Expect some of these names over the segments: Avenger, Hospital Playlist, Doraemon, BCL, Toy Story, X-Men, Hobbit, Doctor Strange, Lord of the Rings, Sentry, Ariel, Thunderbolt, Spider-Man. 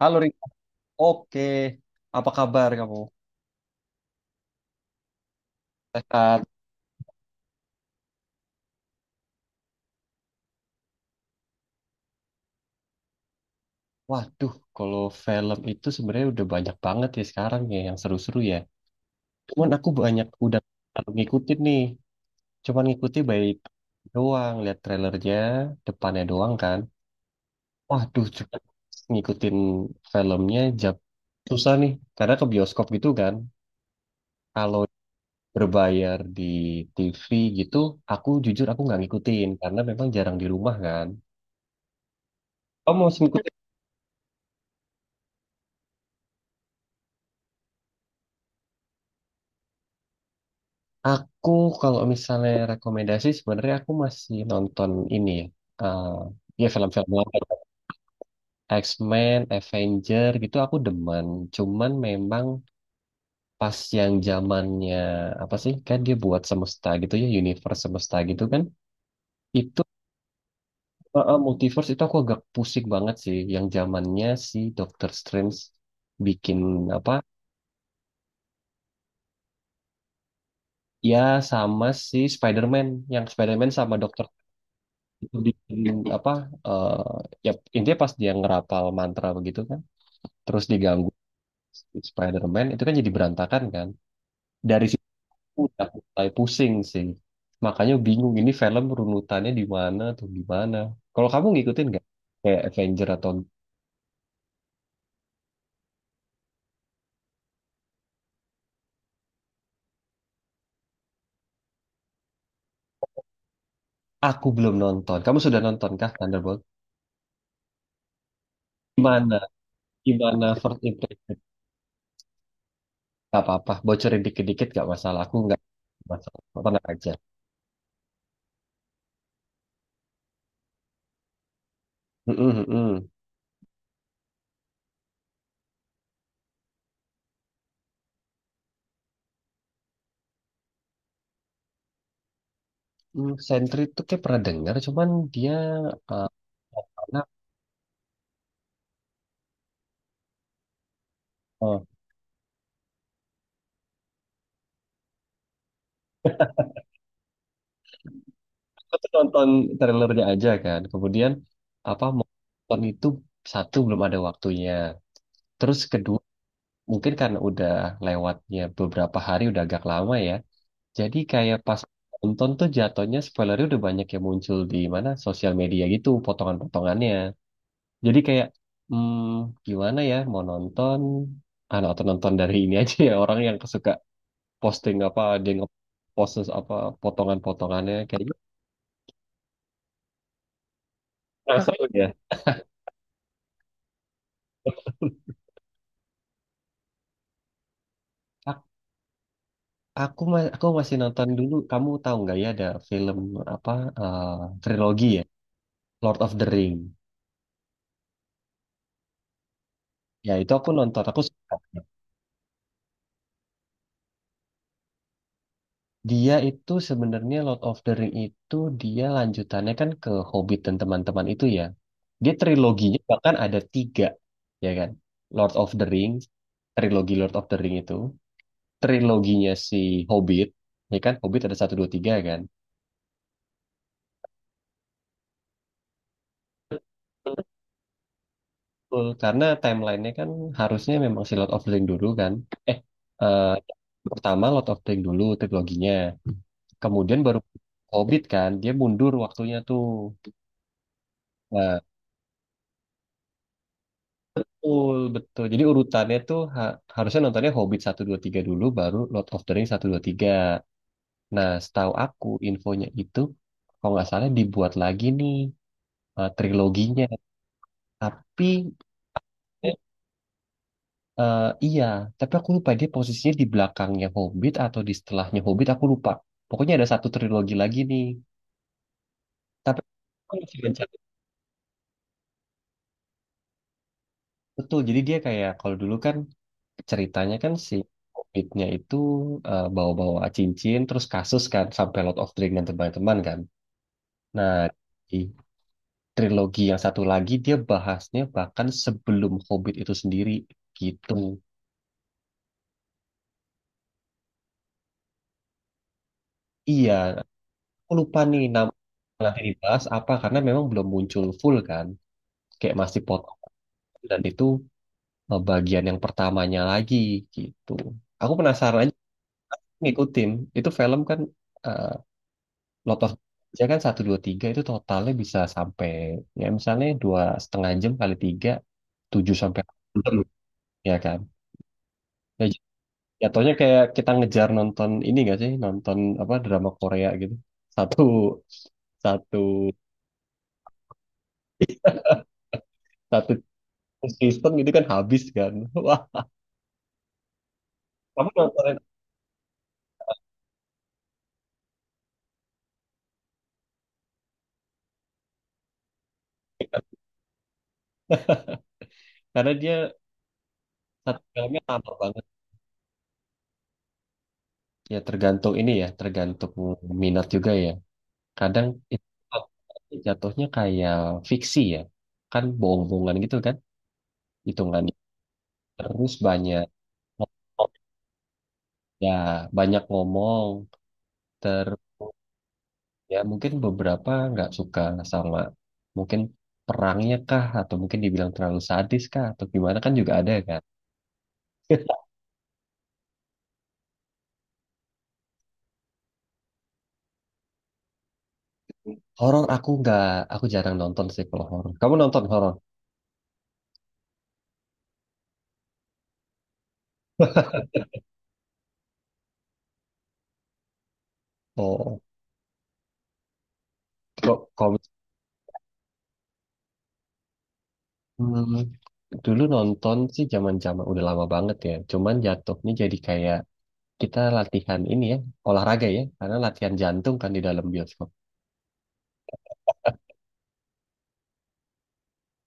Halo Rika, oke. Apa kabar kamu? Sehat. Waduh, kalau film itu sebenarnya udah banyak banget ya sekarang ya yang seru-seru ya. Cuman aku banyak udah ngikutin nih. Cuman ngikutin baik doang, lihat trailernya, depannya doang kan. Waduh, juga ngikutin filmnya jap susah nih. Karena ke bioskop gitu kan. Kalau berbayar di TV gitu, aku jujur nggak ngikutin karena memang jarang di rumah kan. Kamu mau ngikutin. Aku kalau misalnya rekomendasi sebenarnya aku masih nonton ini ya. eh, Ya, film-film lama. X-Men, Avenger gitu aku demen. Cuman memang pas yang zamannya apa sih? Kan dia buat semesta gitu ya, universe semesta gitu kan. Itu Multiverse itu aku agak pusing banget sih yang zamannya si Doctor Strange bikin apa? Ya sama si Spider-Man, yang Spider-Man sama Doctor di apa. eh, Ya, intinya pas dia ngerapal mantra begitu kan terus diganggu si Spider-Man itu kan jadi berantakan kan. Dari situ udah mulai pusing sih, makanya bingung ini film runutannya di mana tuh di mana. Kalau kamu ngikutin nggak kayak Avenger atau aku belum nonton? Kamu sudah nonton kah Thunderbolt? Gimana, gimana first impression? Nggak apa-apa, bocorin dikit-dikit nggak masalah, aku nggak masalah, tenang aja. Mm-mm, mm-mm. Hmm, Sentry itu kayak pernah dengar, cuman dia eh, nah, oh, aku tuh nonton trailernya aja kan. Kemudian apa mau nonton itu, satu belum ada waktunya. Terus kedua mungkin karena udah lewatnya beberapa hari udah agak lama ya. Jadi kayak pas nonton tuh jatuhnya spoilernya udah banyak yang muncul di mana sosial media gitu potongan-potongannya. Jadi kayak hmm, gimana ya mau nonton ah, atau nonton dari ini aja ya orang yang suka posting apa dia ngepost apa potongan-potongannya kayaknya. Nggak seru ya. Aku ma- aku masih nonton dulu. Kamu tahu nggak ya ada film apa, eh, trilogi ya, Lord of the Ring. Ya itu aku nonton. Aku suka. Dia itu sebenarnya Lord of the Ring itu dia lanjutannya kan ke Hobbit dan teman-teman itu ya. Dia triloginya bahkan ada tiga ya kan. Lord of the Ring, trilogi Lord of the Ring itu, triloginya si Hobbit, ya kan Hobbit ada satu dua tiga kan. Betul, karena timelinenya kan harusnya memang si Lord of the Ring dulu kan. Eh, eh, Pertama Lord of the Ring dulu triloginya. Kemudian baru Hobbit kan, dia mundur waktunya tuh. Nah, betul, betul. Jadi urutannya tuh ha- harusnya nontonnya Hobbit satu 2 3 dulu, baru Lord of the Ring satu 2 3. Nah, setahu aku infonya itu, kalau nggak salah dibuat lagi nih triloginya. Tapi eh, iya, tapi aku lupa dia posisinya di belakangnya Hobbit atau di setelahnya Hobbit, aku lupa. Pokoknya ada satu trilogi lagi nih. Tapi aku masih baca. Betul, jadi dia kayak kalau dulu kan ceritanya kan si Hobbitnya itu bawa-bawa cincin terus kasus kan sampai Lord of the Ring dan teman-teman kan. Nah, di trilogi yang satu lagi dia bahasnya bahkan sebelum Hobbit itu sendiri gitu. Iya, aku lupa nih nama nanti dibahas apa karena memang belum muncul full kan. Kayak masih potong dan itu bagian yang pertamanya lagi gitu. Aku penasaran aja ngikutin. Itu film kan eh lot of saya kan satu dua tiga itu totalnya bisa sampai ya misalnya dua setengah jam kali tiga, tujuh sampai 8 jam ya kan. Ya, j- jatuhnya kayak kita ngejar nonton ini gak sih nonton apa drama Korea gitu, satu satu satu season itu kan habis kan. Wah, kamu nontonin apa, kan? Karena dia satu filmnya lama banget. Ya tergantung ini ya, tergantung minat juga ya. Kadang itu jatuhnya kayak fiksi ya, kan bohong-bohongan gitu kan, hitungan terus banyak ngomong. Ya, banyak ngomong terus ya mungkin beberapa nggak suka sama mungkin perangnya kah atau mungkin dibilang terlalu sadis kah atau gimana kan juga ada ya kan. Horor aku nggak, aku jarang nonton sih kalau horor. Kamu nonton horor? Oh, kok hmm, dulu nonton sih zaman-zaman udah lama banget ya. Cuman jatuhnya jadi kayak kita latihan ini ya, olahraga ya, karena latihan jantung kan di dalam bioskop.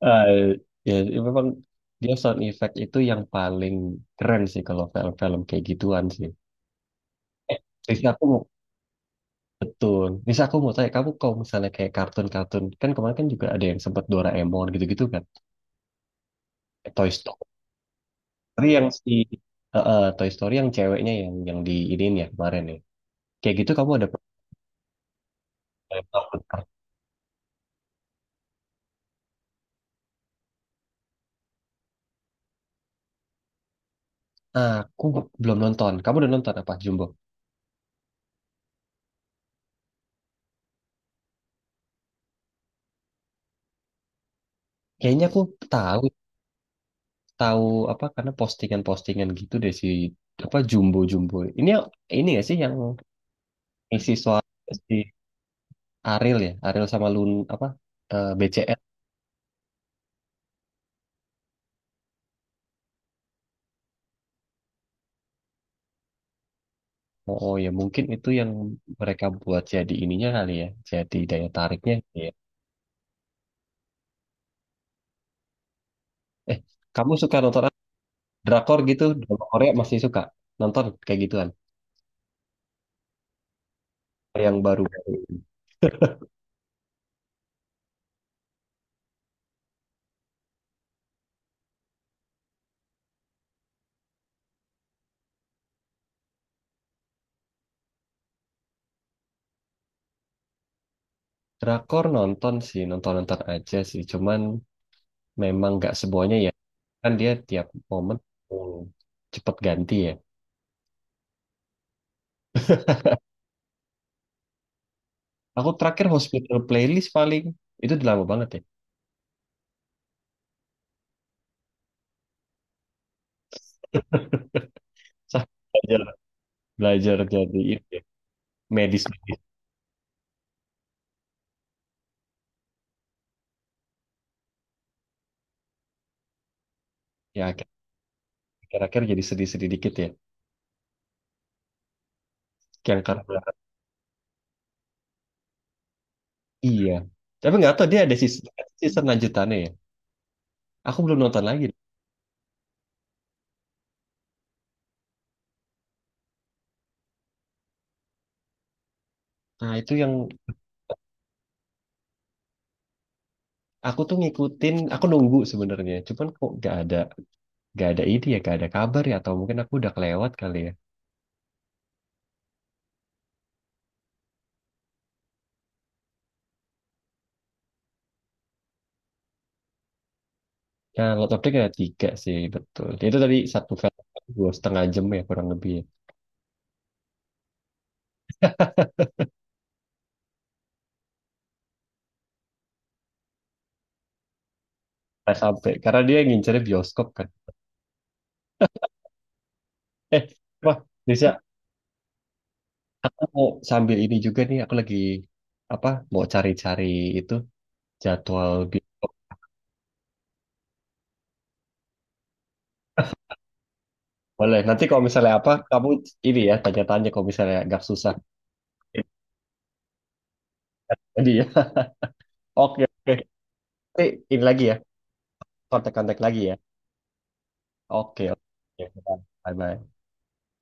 Eh, Ya, memang dia sound effect itu yang paling keren sih kalau film-film kayak gituan sih. Eh, Risa aku mau betul. Risa aku mau tanya kamu kalau misalnya kayak kartun-kartun kan kemarin kan juga ada yang sempet Doraemon gitu-gitu kan. Toy Story yang si Toy Story yang ceweknya yang di ini ya kemarin ya. Kayak gitu kamu ada. Aku belum nonton. Kamu udah nonton apa Jumbo? Kayaknya aku tahu, tahu apa karena postingan-postingan gitu deh si apa Jumbo Jumbo. Ini gak sih yang isi soal si Ariel ya? Ariel sama Lun apa BCL. Oh, oh ya mungkin itu yang mereka buat jadi ininya kali ya. Jadi daya tariknya gitu ya. Eh, kamu suka nonton apa? Drakor gitu? Drama Korea masih suka nonton kayak gituan yang baru-baru? Drakor nonton sih, nonton-nonton aja sih. Cuman memang nggak semuanya ya. Kan dia tiap momen hmm, cepet ganti ya. Aku terakhir hospital playlist paling itu udah lama banget ya. Saya belajar, belajar jadi ini ya, medis ya akhir-akhir jadi sedih-sedih dikit ya. Yang karena iya. Tapi nggak tahu dia ada season, season lanjutannya ya. Aku belum nonton lagi. Nah itu yang aku tuh ngikutin, aku nunggu sebenarnya. Cuman kok nggak ada ini ya, nggak ada kabar ya. Atau mungkin aku udah kelewat kali ya. Nah, lot of Drink ada tiga sih, betul. Ya, itu tadi satu film, dua setengah jam ya kurang lebih ya. Nah, sampai, karena dia ngincernya bioskop kan. Eh, wah, Nisa, aku mau sambil ini juga nih, aku lagi, apa, mau cari-cari itu, jadwal bioskop. Boleh, nanti kalau misalnya apa, kamu ini ya, tanya-tanya kalau misalnya agak susah. Jadi ya, oke, oke. Nanti ini lagi ya, kontak-kontak lagi ya. Oke, oke. Bye-bye.